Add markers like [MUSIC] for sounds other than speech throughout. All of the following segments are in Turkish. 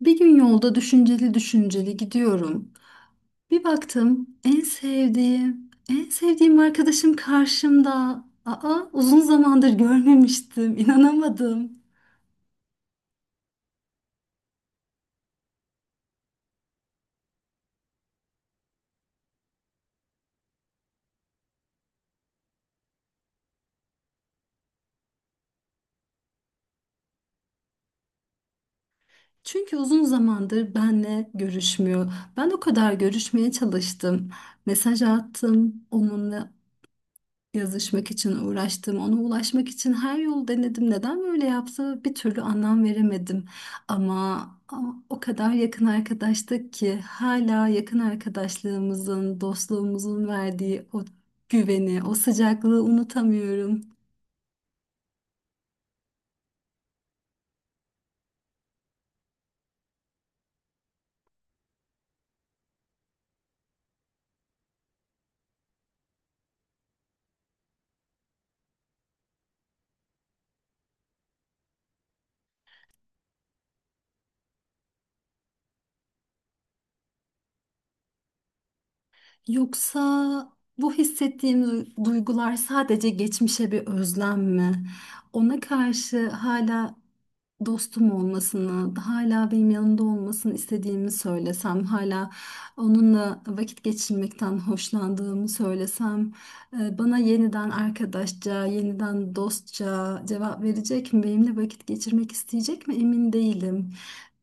Bir gün yolda düşünceli düşünceli gidiyorum. Bir baktım en sevdiğim, en sevdiğim arkadaşım karşımda. Aa, uzun zamandır görmemiştim, inanamadım. Çünkü uzun zamandır benle görüşmüyor. Ben o kadar görüşmeye çalıştım. Mesaj attım, onunla yazışmak için uğraştım, ona ulaşmak için her yolu denedim. Neden böyle yaptı bir türlü anlam veremedim. Ama o kadar yakın arkadaştık ki hala yakın arkadaşlığımızın, dostluğumuzun verdiği o güveni, o sıcaklığı unutamıyorum. Yoksa bu hissettiğim duygular sadece geçmişe bir özlem mi? Ona karşı hala dostum olmasını, hala benim yanımda olmasını istediğimi söylesem, hala onunla vakit geçirmekten hoşlandığımı söylesem, bana yeniden arkadaşça, yeniden dostça cevap verecek mi? Benimle vakit geçirmek isteyecek mi? Emin değilim.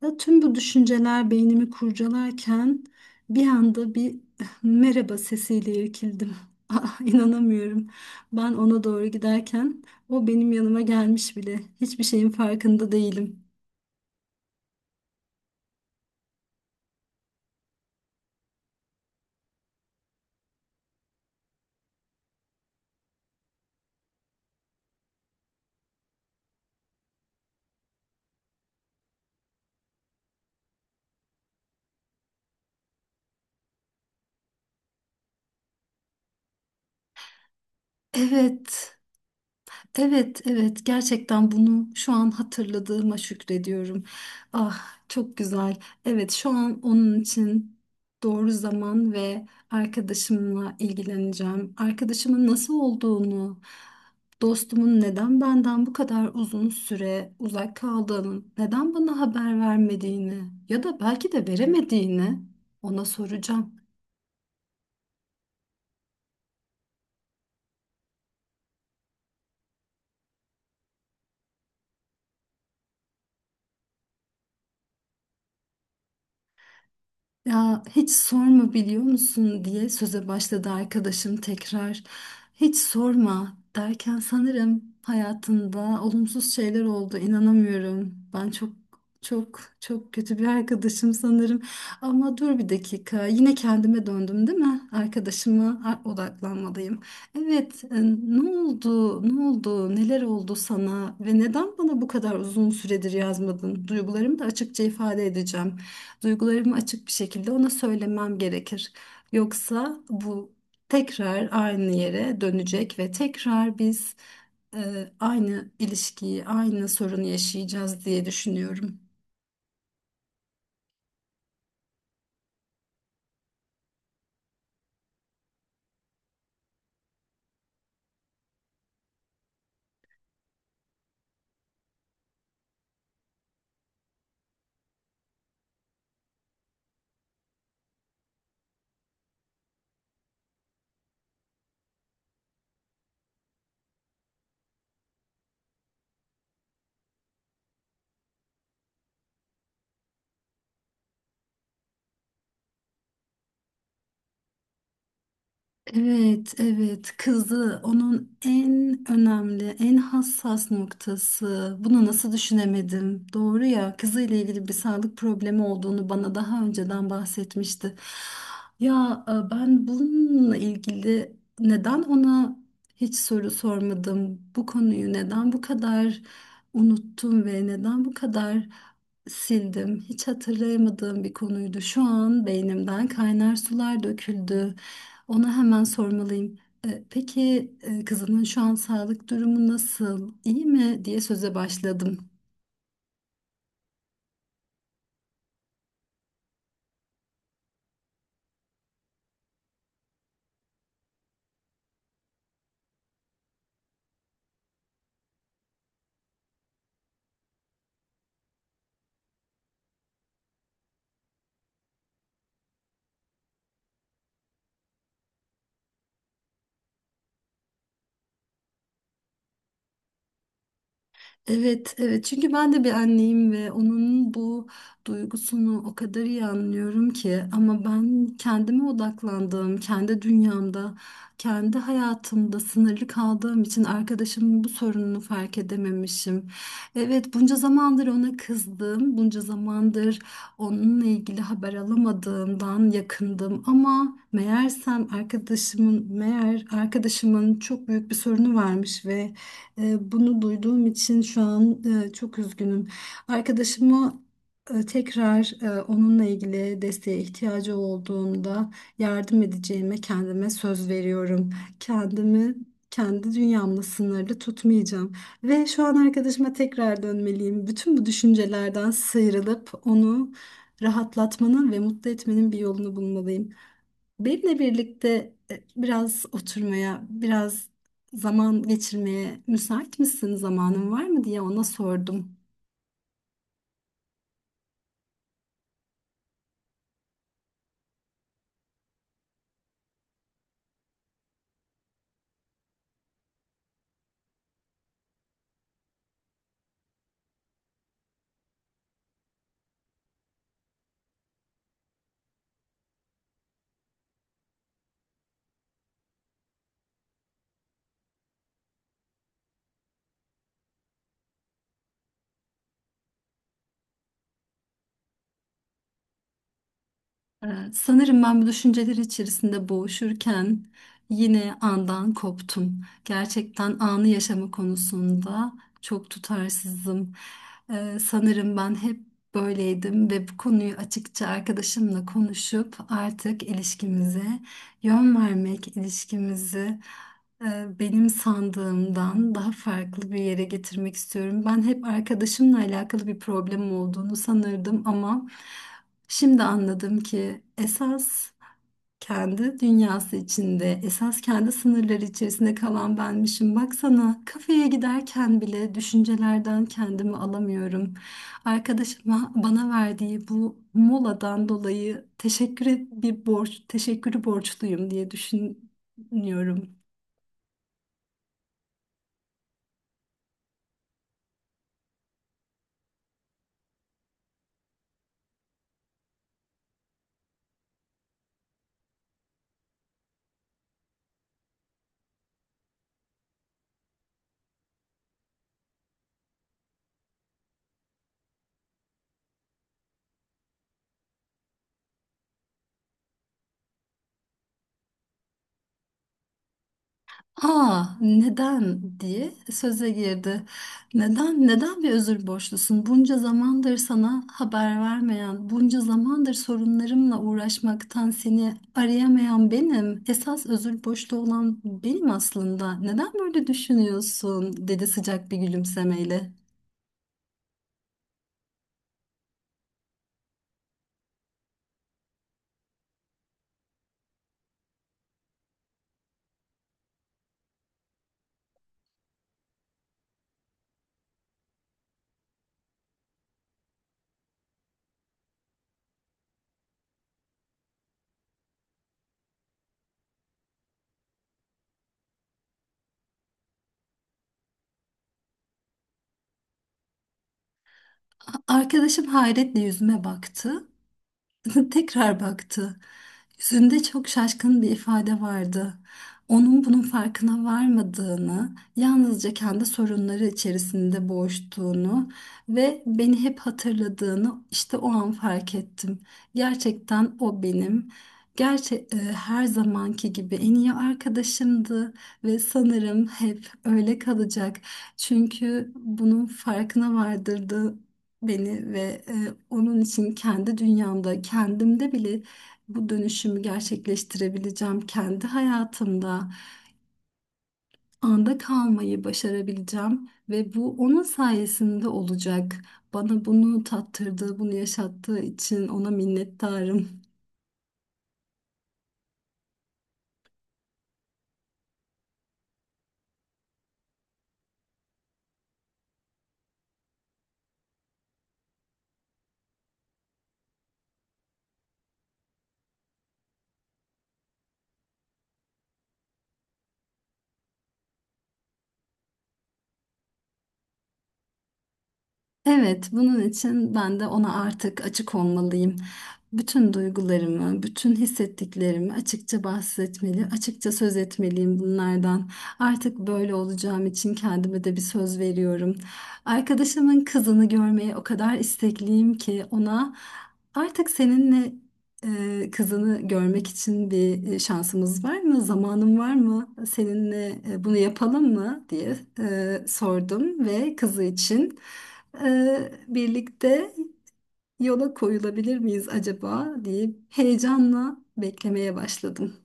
Ya tüm bu düşünceler beynimi kurcalarken bir anda bir merhaba sesiyle irkildim. [LAUGHS] Ah, inanamıyorum. Ben ona doğru giderken o benim yanıma gelmiş bile. Hiçbir şeyin farkında değilim. Evet. Evet, evet, gerçekten bunu şu an hatırladığıma şükrediyorum. Ah, çok güzel. Evet, şu an onun için doğru zaman ve arkadaşımla ilgileneceğim. Arkadaşımın nasıl olduğunu, dostumun neden benden bu kadar uzun süre uzak kaldığını, neden bana haber vermediğini ya da belki de veremediğini ona soracağım. Ya hiç sorma biliyor musun diye söze başladı arkadaşım tekrar. Hiç sorma derken sanırım hayatında olumsuz şeyler oldu. İnanamıyorum. Ben çok çok çok kötü bir arkadaşım sanırım. Ama dur bir dakika. Yine kendime döndüm değil mi? Arkadaşıma odaklanmalıyım. Evet, ne oldu? Ne oldu? Neler oldu sana ve neden bana bu kadar uzun süredir yazmadın? Duygularımı da açıkça ifade edeceğim. Duygularımı açık bir şekilde ona söylemem gerekir. Yoksa bu tekrar aynı yere dönecek ve tekrar biz aynı ilişkiyi, aynı sorunu yaşayacağız diye düşünüyorum. Evet, evet. Kızı onun en önemli, en hassas noktası. Bunu nasıl düşünemedim? Doğru ya. Kızı ile ilgili bir sağlık problemi olduğunu bana daha önceden bahsetmişti. Ya ben bununla ilgili neden ona hiç soru sormadım? Bu konuyu neden bu kadar unuttum ve neden bu kadar sildim? Hiç hatırlayamadığım bir konuydu. Şu an beynimden kaynar sular döküldü. Ona hemen sormalıyım. Peki, kızının şu an sağlık durumu nasıl? İyi mi diye söze başladım. Evet, evet. Çünkü ben de bir anneyim ve onun bu duygusunu o kadar iyi anlıyorum ki ama ben kendime odaklandığım, kendi dünyamda, kendi hayatımda sınırlı kaldığım için arkadaşımın bu sorununu fark edememişim. Evet, bunca zamandır ona kızdım, bunca zamandır onunla ilgili haber alamadığımdan yakındım ama meğer arkadaşımın çok büyük bir sorunu varmış ve bunu duyduğum için şu an çok üzgünüm. Arkadaşımı tekrar, onunla ilgili desteğe ihtiyacı olduğunda yardım edeceğime kendime söz veriyorum. Kendimi kendi dünyamla sınırlı tutmayacağım. Ve şu an arkadaşıma tekrar dönmeliyim. Bütün bu düşüncelerden sıyrılıp onu rahatlatmanın ve mutlu etmenin bir yolunu bulmalıyım. Benimle birlikte biraz oturmaya, biraz zaman geçirmeye müsait misin, zamanın var mı diye ona sordum. Sanırım ben bu düşünceler içerisinde boğuşurken yine andan koptum. Gerçekten anı yaşama konusunda çok tutarsızım. Sanırım ben hep böyleydim ve bu konuyu açıkça arkadaşımla konuşup artık ilişkimize yön vermek, ilişkimizi benim sandığımdan daha farklı bir yere getirmek istiyorum. Ben hep arkadaşımla alakalı bir problemim olduğunu sanırdım ama şimdi anladım ki esas kendi dünyası içinde, esas kendi sınırları içerisinde kalan benmişim. Baksana kafeye giderken bile düşüncelerden kendimi alamıyorum. Arkadaşıma bana verdiği bu moladan dolayı bir borç, teşekkürü borçluyum diye düşünüyorum. Aa, neden diye söze girdi. Neden, neden bir özür borçlusun? Bunca zamandır sana haber vermeyen, bunca zamandır sorunlarımla uğraşmaktan seni arayamayan benim. Esas özür borçlu olan benim aslında. Neden böyle düşünüyorsun, dedi sıcak bir gülümsemeyle. Arkadaşım hayretle yüzüme baktı. [LAUGHS] Tekrar baktı. Yüzünde çok şaşkın bir ifade vardı. Onun bunun farkına varmadığını, yalnızca kendi sorunları içerisinde boğuştuğunu ve beni hep hatırladığını işte o an fark ettim. Gerçekten o benim. Gerçi her zamanki gibi en iyi arkadaşımdı ve sanırım hep öyle kalacak. Çünkü bunun farkına vardırdı beni ve onun için kendi dünyamda, kendimde bile bu dönüşümü gerçekleştirebileceğim, kendi hayatımda anda kalmayı başarabileceğim ve bu onun sayesinde olacak. Bana bunu tattırdığı, bunu yaşattığı için ona minnettarım. Evet, bunun için ben de ona artık açık olmalıyım. Bütün duygularımı, bütün hissettiklerimi açıkça bahsetmeli, açıkça söz etmeliyim bunlardan. Artık böyle olacağım için kendime de bir söz veriyorum. Arkadaşımın kızını görmeye o kadar istekliyim ki ona artık seninle kızını görmek için bir şansımız var mı? Zamanın var mı? Seninle bunu yapalım mı diye sordum ve kızı için birlikte yola koyulabilir miyiz acaba diye heyecanla beklemeye başladım.